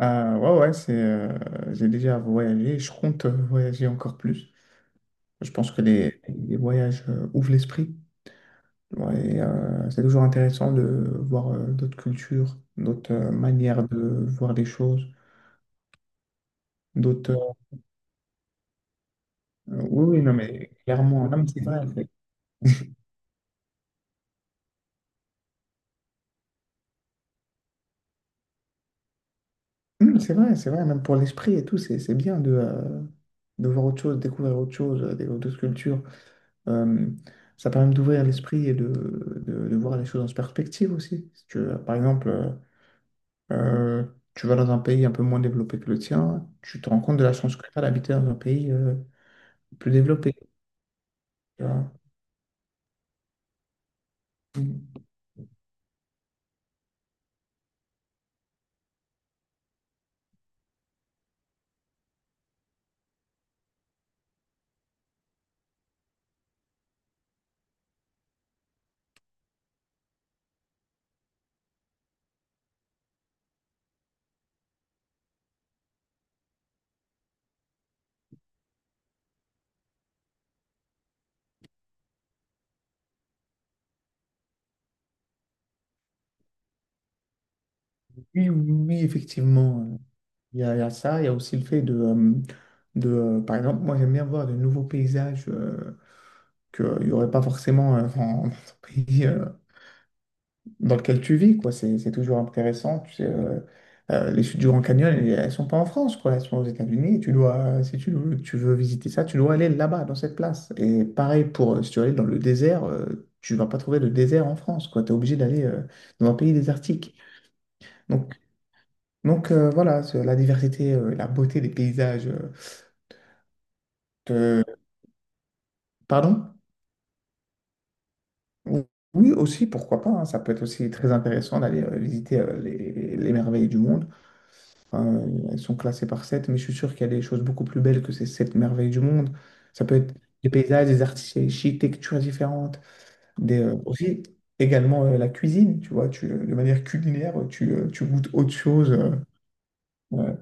Ah, ouais, ouais, c'est, j'ai déjà voyagé, je compte voyager encore plus. Je pense que les voyages ouvrent l'esprit. Ouais, et, c'est toujours intéressant de voir d'autres cultures, d'autres manières de voir les choses, d'autres... oui, oui, non, mais clairement, non, mais c'est vrai, même pour l'esprit et tout, c'est bien de voir autre chose, découvrir d'autres cultures. Euh, Ça permet d'ouvrir l'esprit et de voir les choses en perspective aussi. Si tu veux, par exemple... Euh, tu vas dans un pays un peu moins développé que le tien, tu te rends compte de la chance que tu as d'habiter dans un pays plus développé. Tu vois. Oui, oui, effectivement. Il y a ça, il y a aussi le fait de, par exemple, moi j'aime bien voir de nouveaux paysages qu'il n'y aurait pas forcément dans ton pays, dans lequel tu vis, quoi. C'est toujours intéressant. Tu sais, les chutes du Grand Canyon, elles sont pas en France, quoi. Elles sont aux États-Unis. Et si tu veux visiter ça, tu dois aller là-bas, dans cette place. Et pareil pour, si tu veux aller dans le désert, tu vas pas trouver de désert en France, quoi. Tu es obligé d'aller dans un pays désertique. Donc, voilà, c'est la diversité, la beauté des paysages. Te- Pardon? Ou- Oui, aussi, pourquoi pas, hein. Ça peut être aussi très intéressant d'aller visiter les merveilles du monde. Enfin, elles sont classées par 7, mais je suis sûr qu'il y a des choses beaucoup plus belles que ces 7 merveilles du monde. Ça peut être des paysages, des architectures différentes, aussi également la cuisine, tu vois, de manière culinaire, tu goûtes autre chose, euh,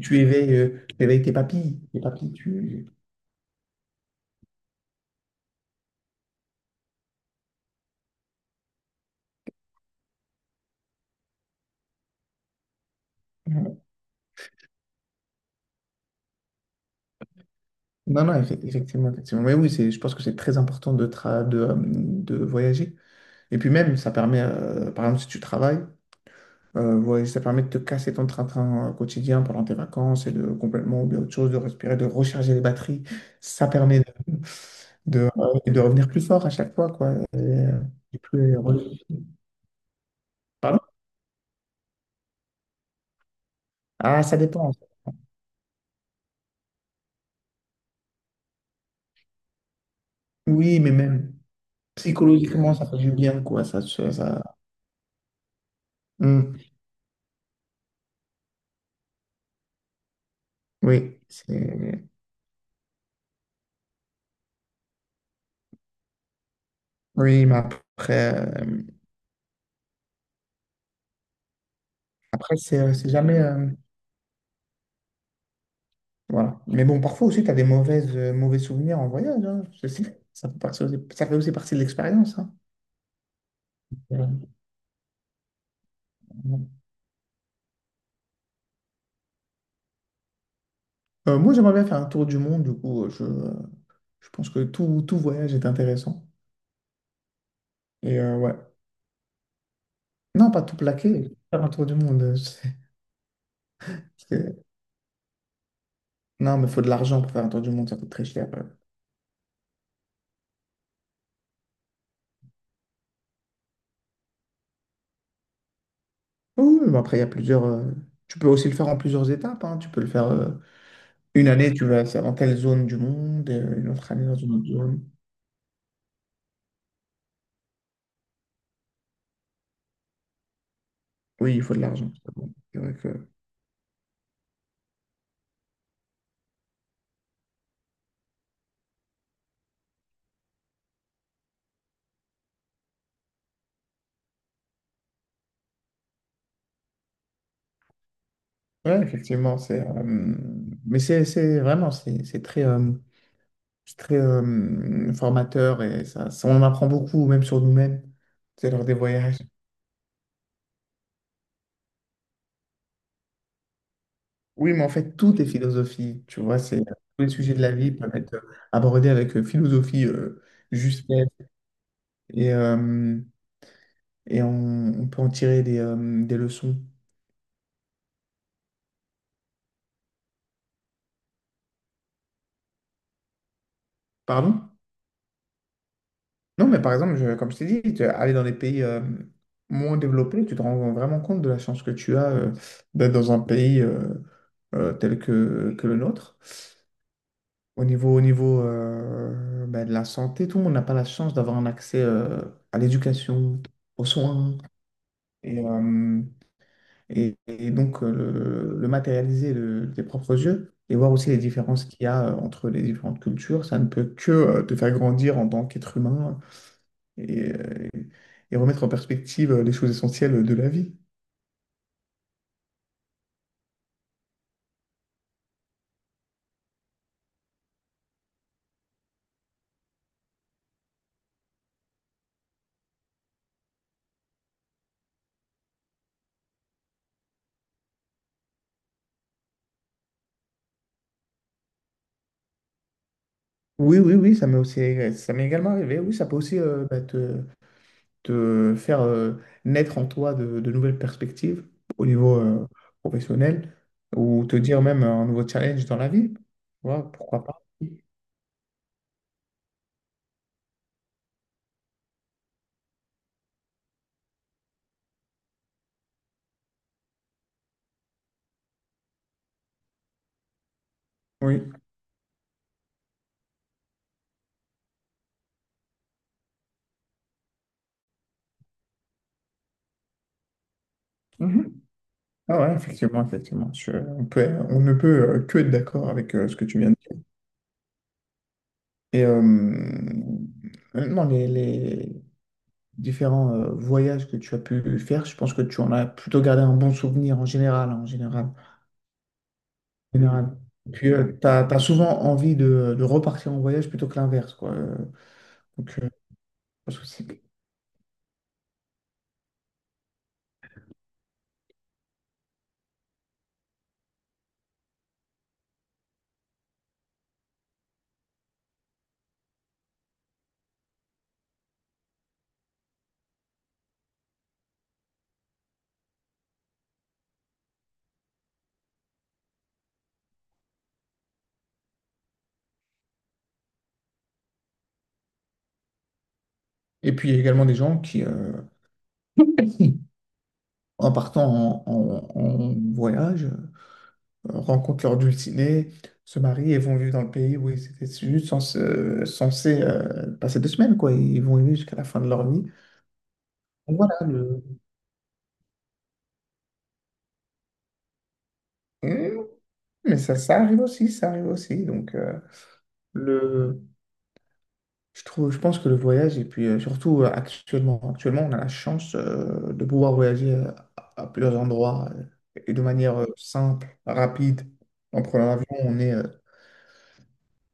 tu éveilles tes papilles, tu... euh, Non, non, effectivement, effectivement. Mais oui, c'est, je pense que c'est très important de voyager. Et puis même, ça permet, par exemple, si tu travailles, ouais, ça permet de te casser ton train-train quotidien pendant tes vacances et de complètement oublier autre chose, de respirer, de recharger les batteries. Ça permet de revenir plus fort à chaque fois, quoi. Et plus, Pardon? Ah, ça dépend. Oui, mais même psychologiquement, ça fait du bien, quoi. Hmm. Oui, c'est... Oui, mais après, après c'est jamais... Voilà. Mais bon, parfois aussi, tu as des mauvais souvenirs en voyage, hein. Ça fait partie aussi, ça fait aussi partie de l'expérience, hein. Mhm. Moi, j'aimerais bien faire un tour du monde, du coup, je pense que tout voyage est intéressant. Et ouais. Non, pas tout plaquer, faire un tour du monde. C'est- Non, mais il faut de l'argent pour faire un tour du monde, ça coûte très cher. Oui, oui, mais après, il y a plusieurs. Tu peux aussi le faire en plusieurs étapes, hein. Tu peux le faire une année, tu vas faire dans telle zone du monde, et, une autre année dans une autre zone. Oui, il faut de l'argent, c'est bon. C'est vrai que. Ouais, effectivement, c'est. Mais c'est vraiment, c'est très. C'est très formateur et on en apprend beaucoup, même sur nous-mêmes, c'est lors des voyages. Oui, mais en fait, tout est philosophie, tu vois, c'est tous les sujets de la vie peuvent être abordés avec philosophie, justesse, et, euh, et on peut en tirer des leçons. Pardon? Non, mais par exemple, comme je t'ai dit, aller dans des pays moins développés, tu te rends vraiment compte de la chance que tu as d'être dans un pays tel que le nôtre. Au niveau, ben, de la santé, tout le monde n'a pas la chance d'avoir un accès à l'éducation, aux soins. Et, euh, et donc, le matérialiser de, tes propres yeux et voir aussi les différences qu'il y a entre les différentes cultures, ça ne peut que te faire grandir en tant qu'être humain et, euh, et remettre en perspective les choses essentielles de la vie. Oui, oui, oui, ça m'est aussi, ça m'est également arrivé. Oui, ça peut aussi bah, te faire naître en toi de nouvelles perspectives au niveau professionnel ou te dire même un nouveau challenge dans la vie. Voilà, pourquoi pas? Oui. Mhm. Ah ouais, effectivement, effectivement. On ne peut que être d'accord avec ce que tu viens de dire. Et maintenant, les différents voyages que tu as pu faire, je pense que tu en as plutôt gardé un bon souvenir en général, hein, en général, en général. Et puis, tu as, souvent envie de repartir en voyage plutôt que l'inverse, quoi. Donc, euh, je pense que Et puis, il y a également des gens qui, en partant en voyage, rencontrent leur dulcinée, se marient et vont vivre dans le pays où ils étaient juste censés, passer 2 semaines, quoi. Ils vont y vivre jusqu'à la fin de leur vie. Donc voilà, le... Mmh, mais ça arrive aussi, ça arrive aussi. Donc, le... Je trouve, je pense que le voyage, et puis surtout actuellement, actuellement, on a la chance de pouvoir voyager à plusieurs endroits et de manière simple, rapide. En prenant l'avion,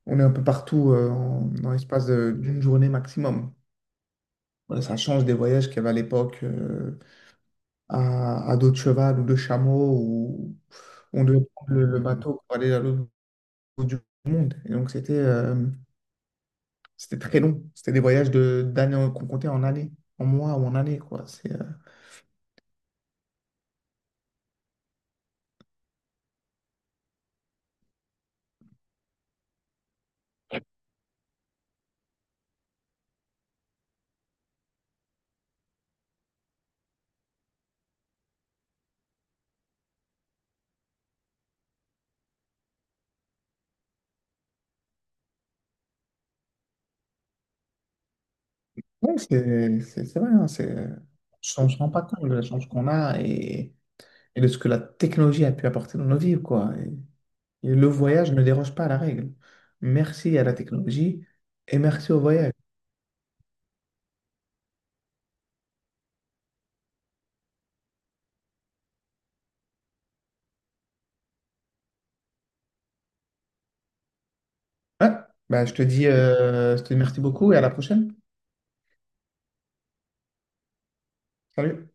on est un peu partout dans l'espace d'une journée maximum. Ouais, ça change des voyages qu'il y avait à l'époque à dos de cheval ou de chameau où on devait prendre le bateau pour aller à l'autre bout du monde. Et donc c'était très long. C'était des voyages de d'années qu'on comptait en années, en mois ou en années, quoi. C'est ouais, c'est vrai, hein, c'est on ne se rend pas compte de la chance qu'on a et de ce que la technologie a pu apporter dans nos vies, quoi. Le voyage ne déroge pas à la règle. Merci à la technologie et merci au voyage. Ouais, bah, je te dis merci beaucoup et à la prochaine. Salut.